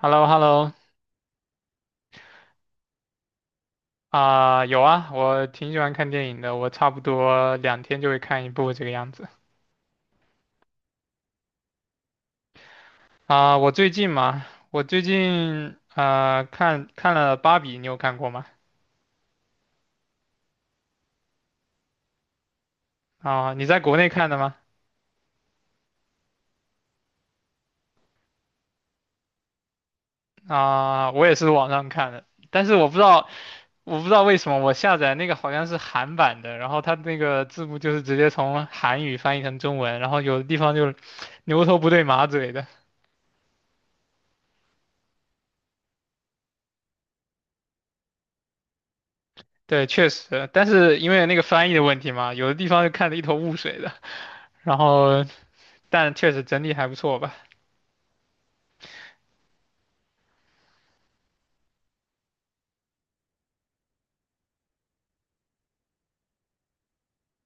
h e l l o h e l l o。 啊，有啊，我挺喜欢看电影的，我差不多2天就会看一部这个样子。啊、我最近嘛，我最近看了《芭比》，你有看过吗？啊，你在国内看的吗？啊，我也是网上看的，但是我不知道为什么我下载那个好像是韩版的，然后它那个字幕就是直接从韩语翻译成中文，然后有的地方就是牛头不对马嘴的。对，确实，但是因为那个翻译的问题嘛，有的地方就看得一头雾水的。然后，但确实整体还不错吧。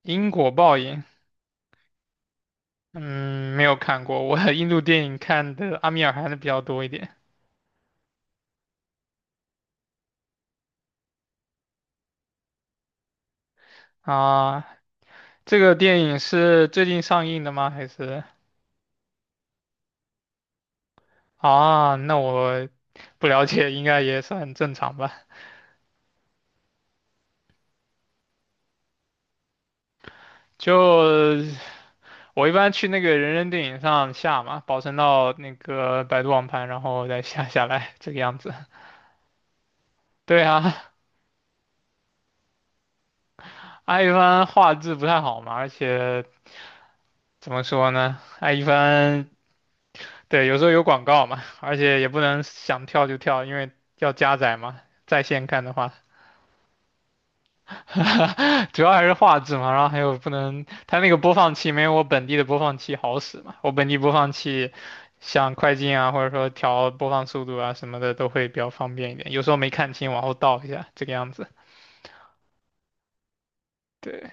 因果报应，嗯，没有看过，我 印度电影看的阿米尔汗的比较多一点啊。这个电影是最近上映的吗？还是啊？那我不了解，应该也算正常吧。就我一般去那个人人电影上下嘛，保存到那个百度网盘，然后再下下来，这个样子。对啊，艾一帆画质不太好嘛，而且怎么说呢，艾一帆对，有时候有广告嘛，而且也不能想跳就跳，因为要加载嘛。在线看的话，主要还是画质嘛，然后还有不能，它那个播放器没有我本地的播放器好使嘛。我本地播放器像快进啊，或者说调播放速度啊什么的都会比较方便一点。有时候没看清，往后倒一下，这个样子。对，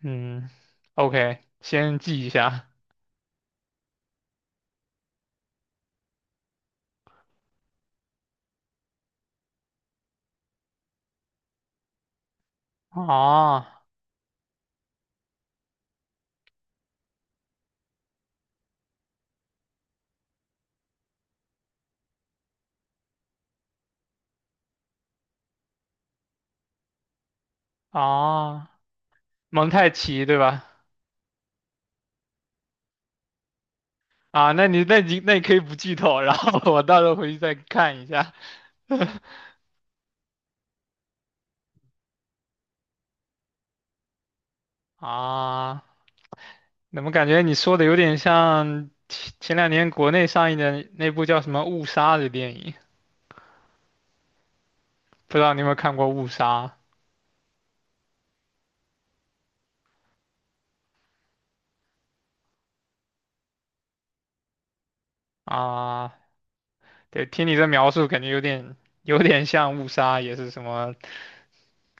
嗯，OK，先记一下。哦哦，蒙太奇对吧？啊，那你可以不剧透，然后我到时候回去再看一下。啊，怎么感觉你说的有点像前2年国内上映的那部叫什么《误杀》的电影？不知道你有没有看过《误杀》啊？对，听你这描述，感觉有点像《误杀》，也是什么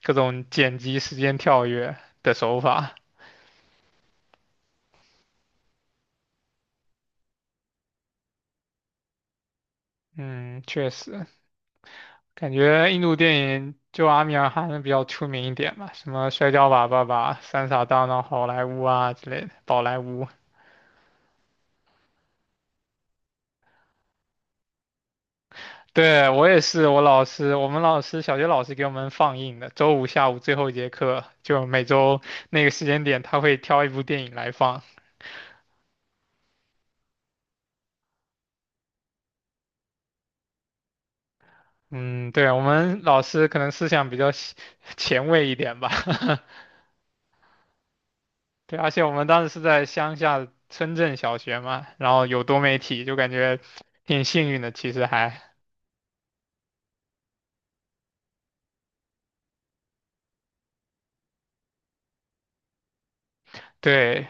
各种剪辑、时间跳跃的手法。嗯，确实。感觉印度电影就阿米尔汗比较出名一点吧，什么《摔跤吧，爸爸》《三傻大闹好莱坞》啊之类的，宝莱坞。对，我也是，我老师，我们老师小学老师给我们放映的，周五下午最后一节课，就每周那个时间点，他会挑一部电影来放。嗯，对，我们老师可能思想比较前卫一点吧。对，而且我们当时是在乡下村镇小学嘛，然后有多媒体，就感觉挺幸运的，其实还。对，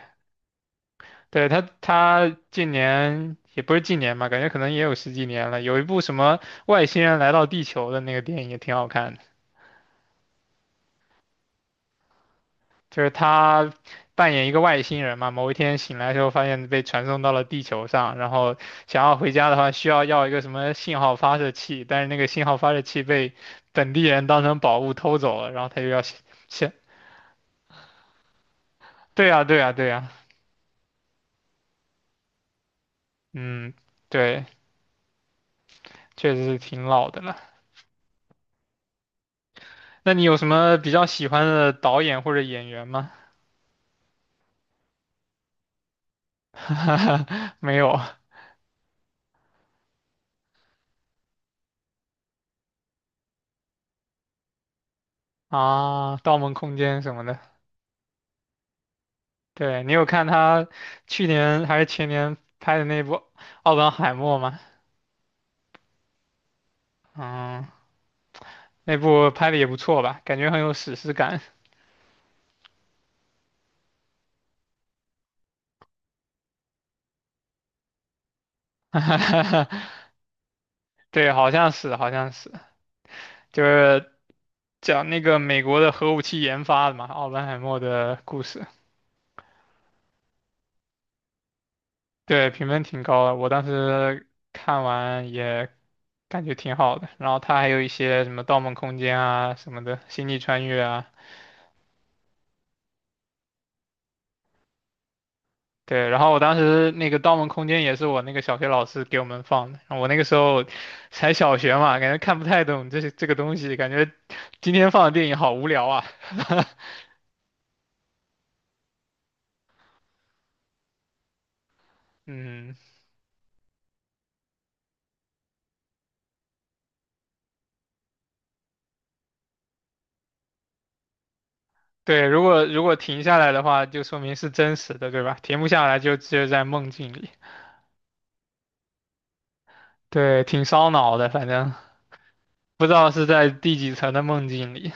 对，他近年也不是近年吧，感觉可能也有十几年了。有一部什么外星人来到地球的那个电影也挺好看的，就是他扮演一个外星人嘛，某一天醒来之后发现被传送到了地球上，然后想要回家的话需要一个什么信号发射器，但是那个信号发射器被本地人当成宝物偷走了，然后他就要想，对呀，对呀，对呀，嗯，对，确实是挺老的了。那你有什么比较喜欢的导演或者演员吗？没有啊，《盗梦空间》什么的。对，你有看他去年还是前年拍的那部《奥本海默》吗？嗯，那部拍的也不错吧，感觉很有史诗感。对，好像是，好像是，就是讲那个美国的核武器研发的嘛，奥本海默的故事。对，评分挺高的，我当时看完也感觉挺好的。然后他还有一些什么《盗梦空间》啊什么的，《星际穿越》啊。对，然后我当时那个《盗梦空间》也是我那个小学老师给我们放的，然后我那个时候才小学嘛，感觉看不太懂这些这个东西，感觉今天放的电影好无聊啊。嗯，对，如果停下来的话，就说明是真实的，对吧？停不下来就只有在梦境里。对，挺烧脑的，反正不知道是在第几层的梦境里。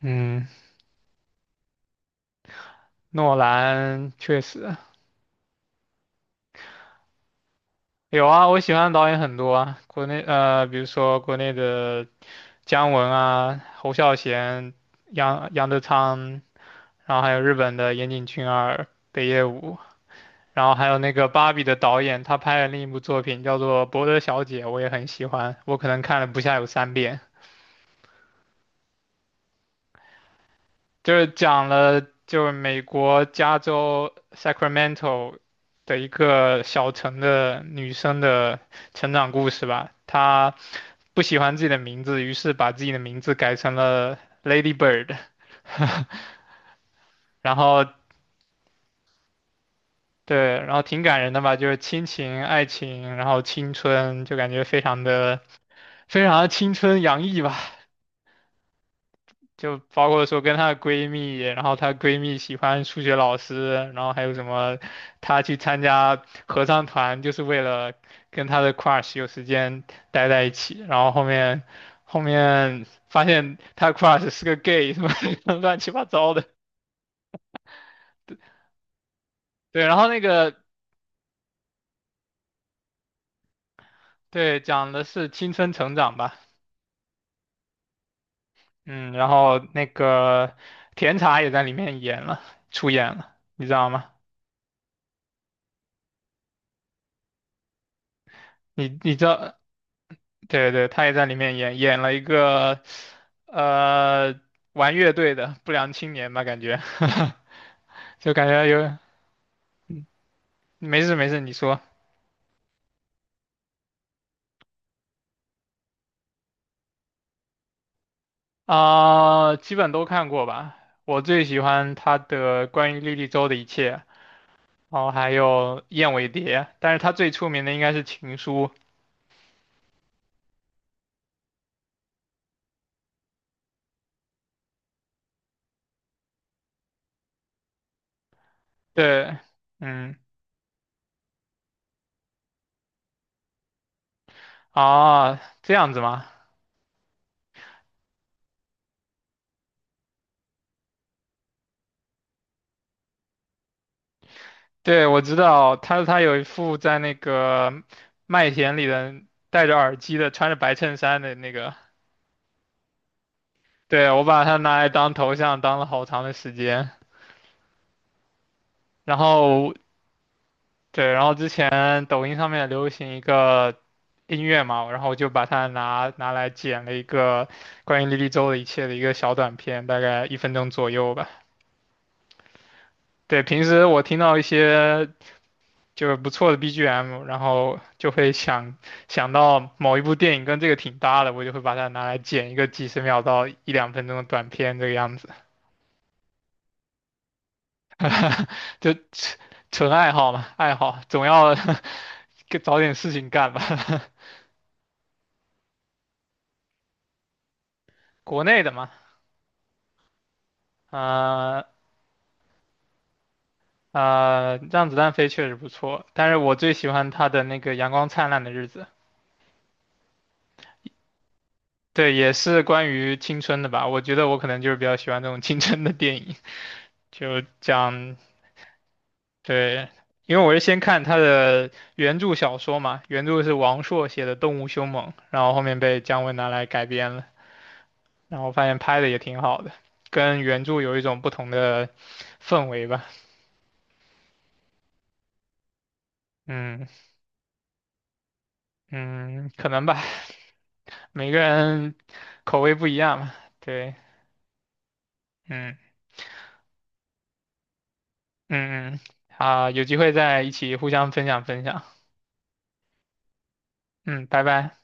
嗯，诺兰确实有啊，我喜欢的导演很多啊，国内比如说国内的姜文啊、侯孝贤、杨德昌，然后还有日本的岩井俊二、北野武，然后还有那个芭比的导演，他拍了另一部作品叫做《伯德小姐》，我也很喜欢，我可能看了不下有三遍，就是讲了就是美国加州 Sacramento 的一个小城的女生的成长故事吧，她不喜欢自己的名字，于是把自己的名字改成了 Lady Bird，然后对，然后挺感人的吧，就是亲情、爱情，然后青春，就感觉非常的非常的青春洋溢吧。就包括说跟她的闺蜜，然后她闺蜜喜欢数学老师，然后还有什么，她去参加合唱团就是为了跟她的 crush 有时间待在一起，然后后面发现她 crush 是个 gay，什么 乱七八糟的。对，然后那个对，讲的是青春成长吧。嗯，然后那个甜茶也在里面演了，出演了，你知道吗？你知道，对对，他也在里面演了一个呃玩乐队的不良青年吧，感觉，就感觉有，没事没事，你说，啊，基本都看过吧。我最喜欢他的关于莉莉周的一切，然后还有燕尾蝶，但是他最出名的应该是情书，对，嗯，啊，这样子吗？对，我知道他有一副在那个麦田里的戴着耳机的，穿着白衬衫的那个。对，我把它拿来当头像，当了好长的时间。然后，对，然后之前抖音上面流行一个音乐嘛，然后我就把它拿来剪了一个关于莉莉周的一切的一个小短片，大概1分钟左右吧。对，平时我听到一些就是不错的 BGM，然后就会想到某一部电影跟这个挺搭的，我就会把它拿来剪一个几十秒到一两分钟的短片，这个样子，就纯爱好嘛，爱好总要 找点事情干吧。国内的嘛，呃让子弹飞确实不错，但是我最喜欢他的那个阳光灿烂的日子，对，也是关于青春的吧，我觉得我可能就是比较喜欢这种青春的电影，就讲。对，因为我是先看他的原著小说嘛，原著是王朔写的《动物凶猛》，然后后面被姜文拿来改编了，然后发现拍的也挺好的，跟原著有一种不同的氛围吧。嗯嗯，可能吧，每个人口味不一样嘛。对，嗯嗯嗯，啊，有机会再一起互相分享分享。嗯，拜拜。